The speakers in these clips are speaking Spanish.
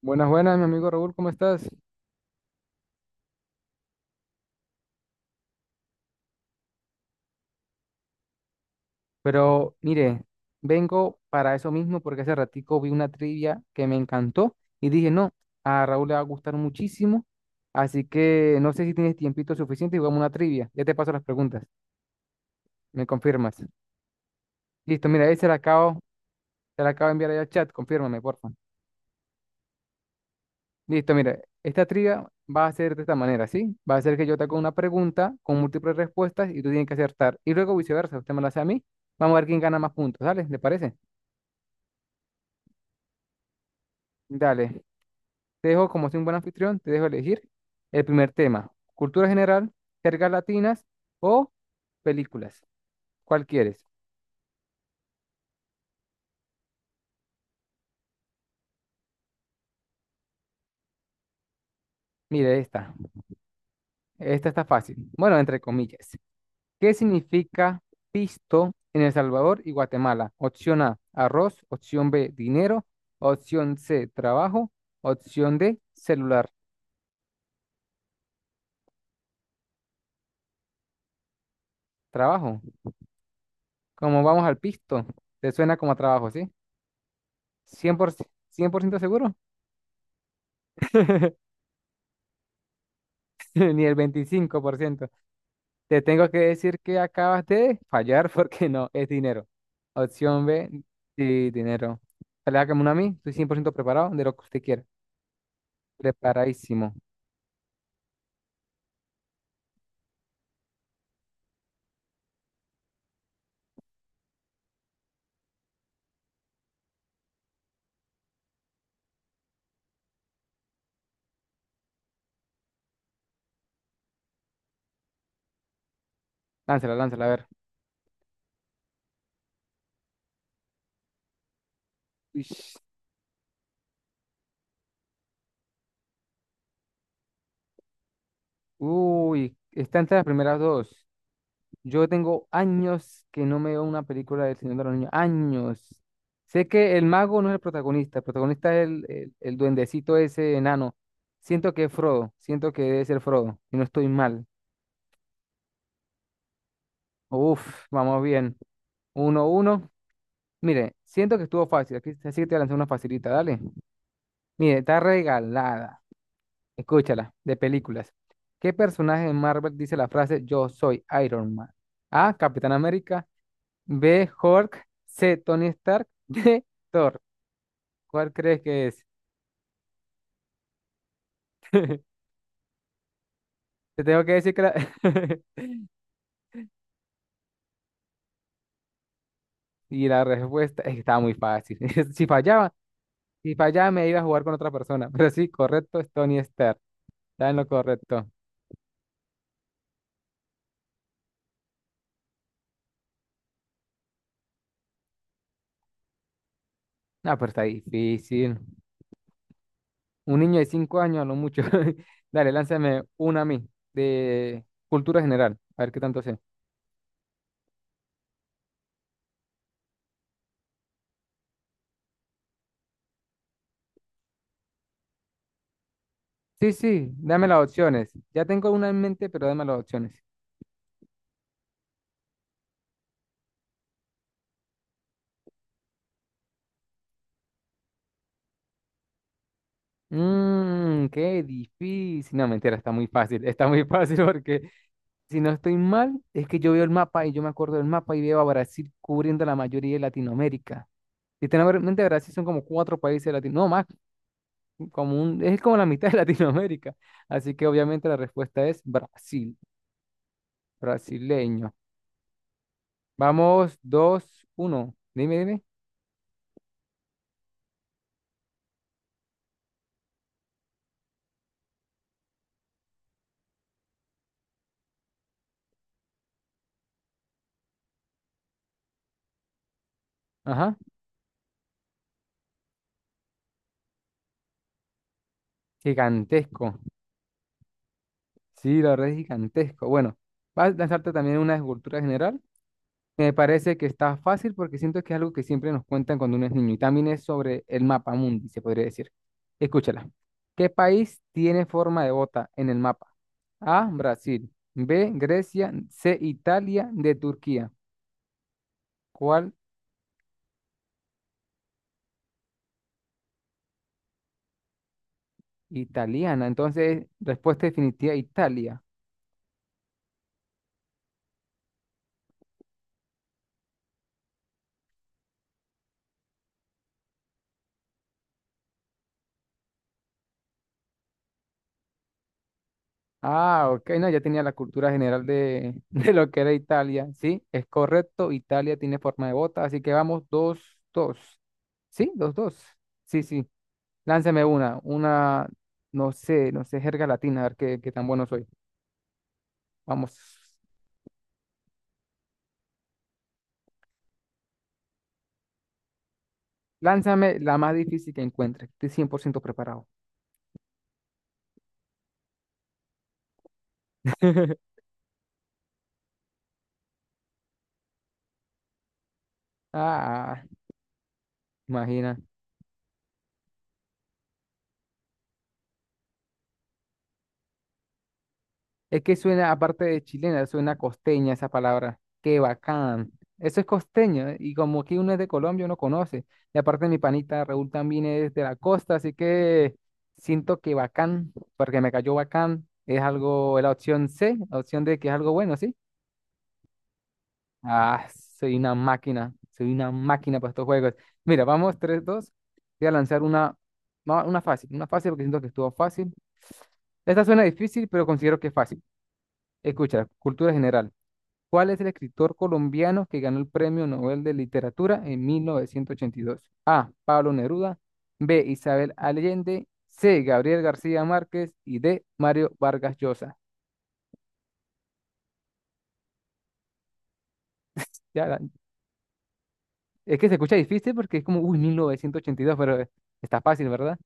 Buenas, buenas, mi amigo Raúl, ¿cómo estás? Pero mire, vengo para eso mismo porque hace ratico vi una trivia que me encantó y dije, no, a Raúl le va a gustar muchísimo, así que no sé si tienes tiempito suficiente y jugamos una trivia. Ya te paso las preguntas, me confirmas. Listo, mira, ahí se la acabo de enviar ahí al chat, confírmame, porfa. Listo, mira, esta trivia va a ser de esta manera, ¿sí? Va a ser que yo te hago una pregunta con múltiples respuestas y tú tienes que acertar y luego viceversa, usted me la hace a mí. Vamos a ver quién gana más puntos, ¿sale? ¿Le parece? Dale, te dejo, como soy un buen anfitrión, te dejo elegir el primer tema, cultura general, jergas latinas o películas. ¿Cuál quieres? Mire, esta está fácil. Bueno, entre comillas. ¿Qué significa pisto en El Salvador y Guatemala? Opción A, arroz, opción B, dinero, opción C, trabajo, opción D, celular, trabajo. ¿Como vamos al pisto? Te suena como a trabajo, ¿sí? Cien por ciento, 100% seguro, ni el 25%. Te tengo que decir que acabas de fallar porque no, es dinero. Opción B, sí, dinero. Dale, hágame una a mí, estoy 100% preparado de lo que usted quiera. Preparadísimo. Lánzala, lánzala, a ver. Uish. Uy, está entre las primeras dos. Yo tengo años que no me veo una película del Señor de los Niños. Años. Sé que el mago no es el protagonista es el duendecito ese enano. Siento que es Frodo, siento que debe ser Frodo, y no estoy mal. Uf, vamos bien. Uno, uno. Mire, siento que estuvo fácil. Aquí, así que te voy a lanzar una facilita, dale. Mire, está regalada. Escúchala, de películas. ¿Qué personaje de Marvel dice la frase "Yo soy Iron Man"? A. Capitán América. B. Hulk. C. Tony Stark. D. Thor. ¿Cuál crees que es? Te tengo que decir que la... Y la respuesta es que estaba muy fácil. Si fallaba, si fallaba, me iba a jugar con otra persona. Pero sí, correcto, es Tony Stark. Está en lo correcto. Ah, pero está difícil. Un niño de 5 años a lo mucho. Dale, lánzame una a mí, de cultura general, a ver qué tanto sé. Sí, sí, dame las opciones. Ya tengo una en mente, pero dame las opciones. Mmm, qué difícil. No, mentira, está muy fácil. Está muy fácil porque, si no estoy mal, es que yo veo el mapa y yo me acuerdo del mapa y veo a Brasil cubriendo la mayoría de Latinoamérica. Si tengo en mente, Brasil son como cuatro países de Latinoamérica. No, más, es como la mitad de Latinoamérica. Así que obviamente la respuesta es Brasil, brasileño. Vamos, dos, uno. Dime, dime. Ajá. Gigantesco. Sí, la verdad es gigantesco. Bueno, vas a lanzarte también una escultura general. Me parece que está fácil porque siento que es algo que siempre nos cuentan cuando uno es niño. Y también es sobre el mapa mundi, se podría decir. Escúchala. ¿Qué país tiene forma de bota en el mapa? A, Brasil. B, Grecia. C, Italia. D, Turquía. ¿Cuál? Italiana. Entonces, respuesta definitiva, Italia. Ah, ok, no, ya tenía la cultura general de, de lo que era Italia. Sí, es correcto, Italia tiene forma de bota, así que vamos, dos, dos. Sí, dos, dos. Sí, sí, lánzame una, no sé, no sé, jerga latina, a ver qué tan bueno soy. Vamos, lánzame la más difícil que encuentre, estoy 100% preparado. Ah, imagina. Es que suena, aparte de chilena, suena costeña esa palabra. Qué bacán. Eso es costeño. ¿Eh? Y como aquí uno es de Colombia, uno conoce. Y aparte mi panita Raúl también es de la costa, así que siento que bacán, porque me cayó bacán, es algo, es la opción C, la opción de que es algo bueno, ¿sí? Ah, soy una máquina para estos juegos. Mira, vamos, tres dos. Voy a lanzar una, no, una fácil, porque siento que estuvo fácil. Esta suena difícil, pero considero que es fácil. Escucha, cultura general. ¿Cuál es el escritor colombiano que ganó el Premio Nobel de Literatura en 1982? A. Pablo Neruda, B. Isabel Allende, C. Gabriel García Márquez y D. Mario Vargas Llosa. Ya, es que se escucha difícil porque es como, uy, 1982, pero está fácil, ¿verdad?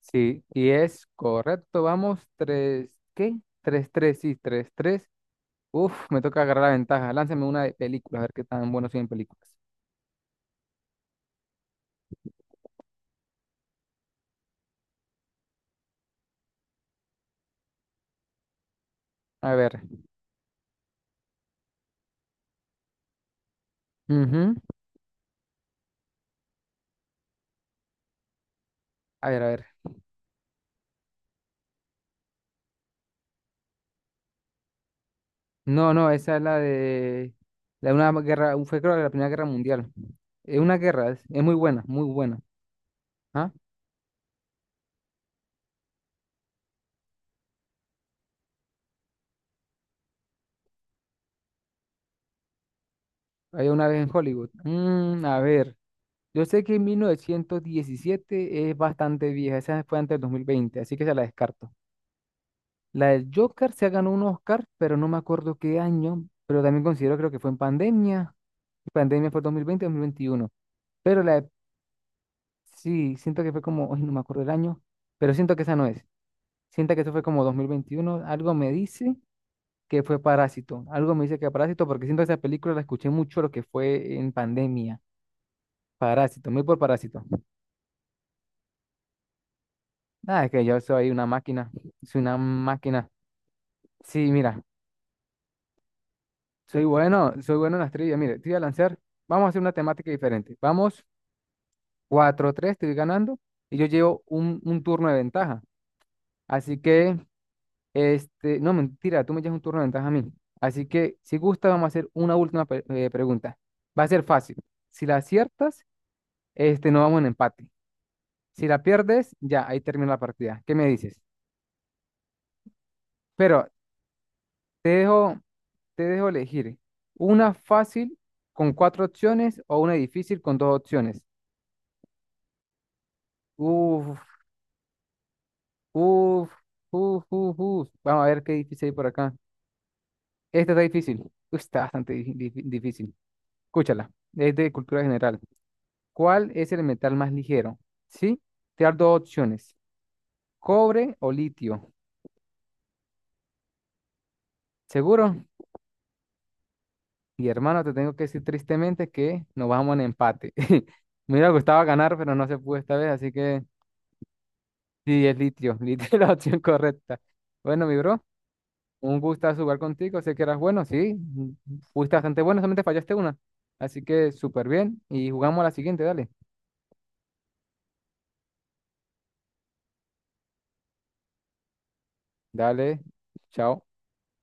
Sí, y es correcto, vamos, 3, qué tres, tres, sí, tres, tres. Uf, me toca agarrar la ventaja. Lánzame una de películas, a ver qué tan bueno soy en películas. A ver, ujú. A ver, a ver. No, no, esa es la de una guerra, fue creo que la Primera Guerra Mundial. Es una guerra, es muy buena, muy buena. ¿Ah? Hay una vez en Hollywood. Mm, a ver, yo sé que en 1917 es bastante vieja, esa fue antes del 2020, así que se la descarto. La del Joker se ganó un Oscar, pero no me acuerdo qué año, pero también considero, creo que fue en pandemia. Pandemia fue 2020, 2021. Pero la, de- sí, siento que fue como, ay, no me acuerdo el año, pero siento que esa no es. Siento que eso fue como 2021. Algo me dice que fue Parásito. Algo me dice que Parásito, porque siento que esa película la escuché mucho lo que fue en pandemia. Parásito, muy por Parásito. Ah, es que yo soy una máquina. Soy una máquina. Sí, mira, soy bueno en las trivias. Mire, te voy a lanzar. Vamos a hacer una temática diferente. Vamos cuatro tres, 3, estoy ganando y yo llevo un turno de ventaja. Así que no, mentira, tú me echas un turno de ventaja a mí. Así que, si gusta, vamos a hacer una última pregunta. Va a ser fácil. Si la aciertas, no vamos en empate. Si la pierdes, ya, ahí termina la partida. ¿Qué me dices? Pero te dejo, te dejo elegir una fácil con cuatro opciones o una difícil con dos opciones. Uf, uf, uf, uf, uf. Vamos a ver qué difícil hay por acá. Esta está difícil. Uf, está bastante difícil. Escúchala. Es de cultura general. ¿Cuál es el metal más ligero? Sí, te dar dos opciones, cobre o litio. ¿Seguro? Y hermano, te tengo que decir tristemente que nos vamos en empate. Me hubiera gustado ganar, pero no se pudo esta vez, así que sí, es litio. Litio es la opción correcta. Bueno, mi bro, un gusto jugar contigo. Sé que eras bueno, sí. Fuiste bastante bueno, solamente fallaste una. Así que súper bien. Y jugamos a la siguiente, dale. Dale, chao.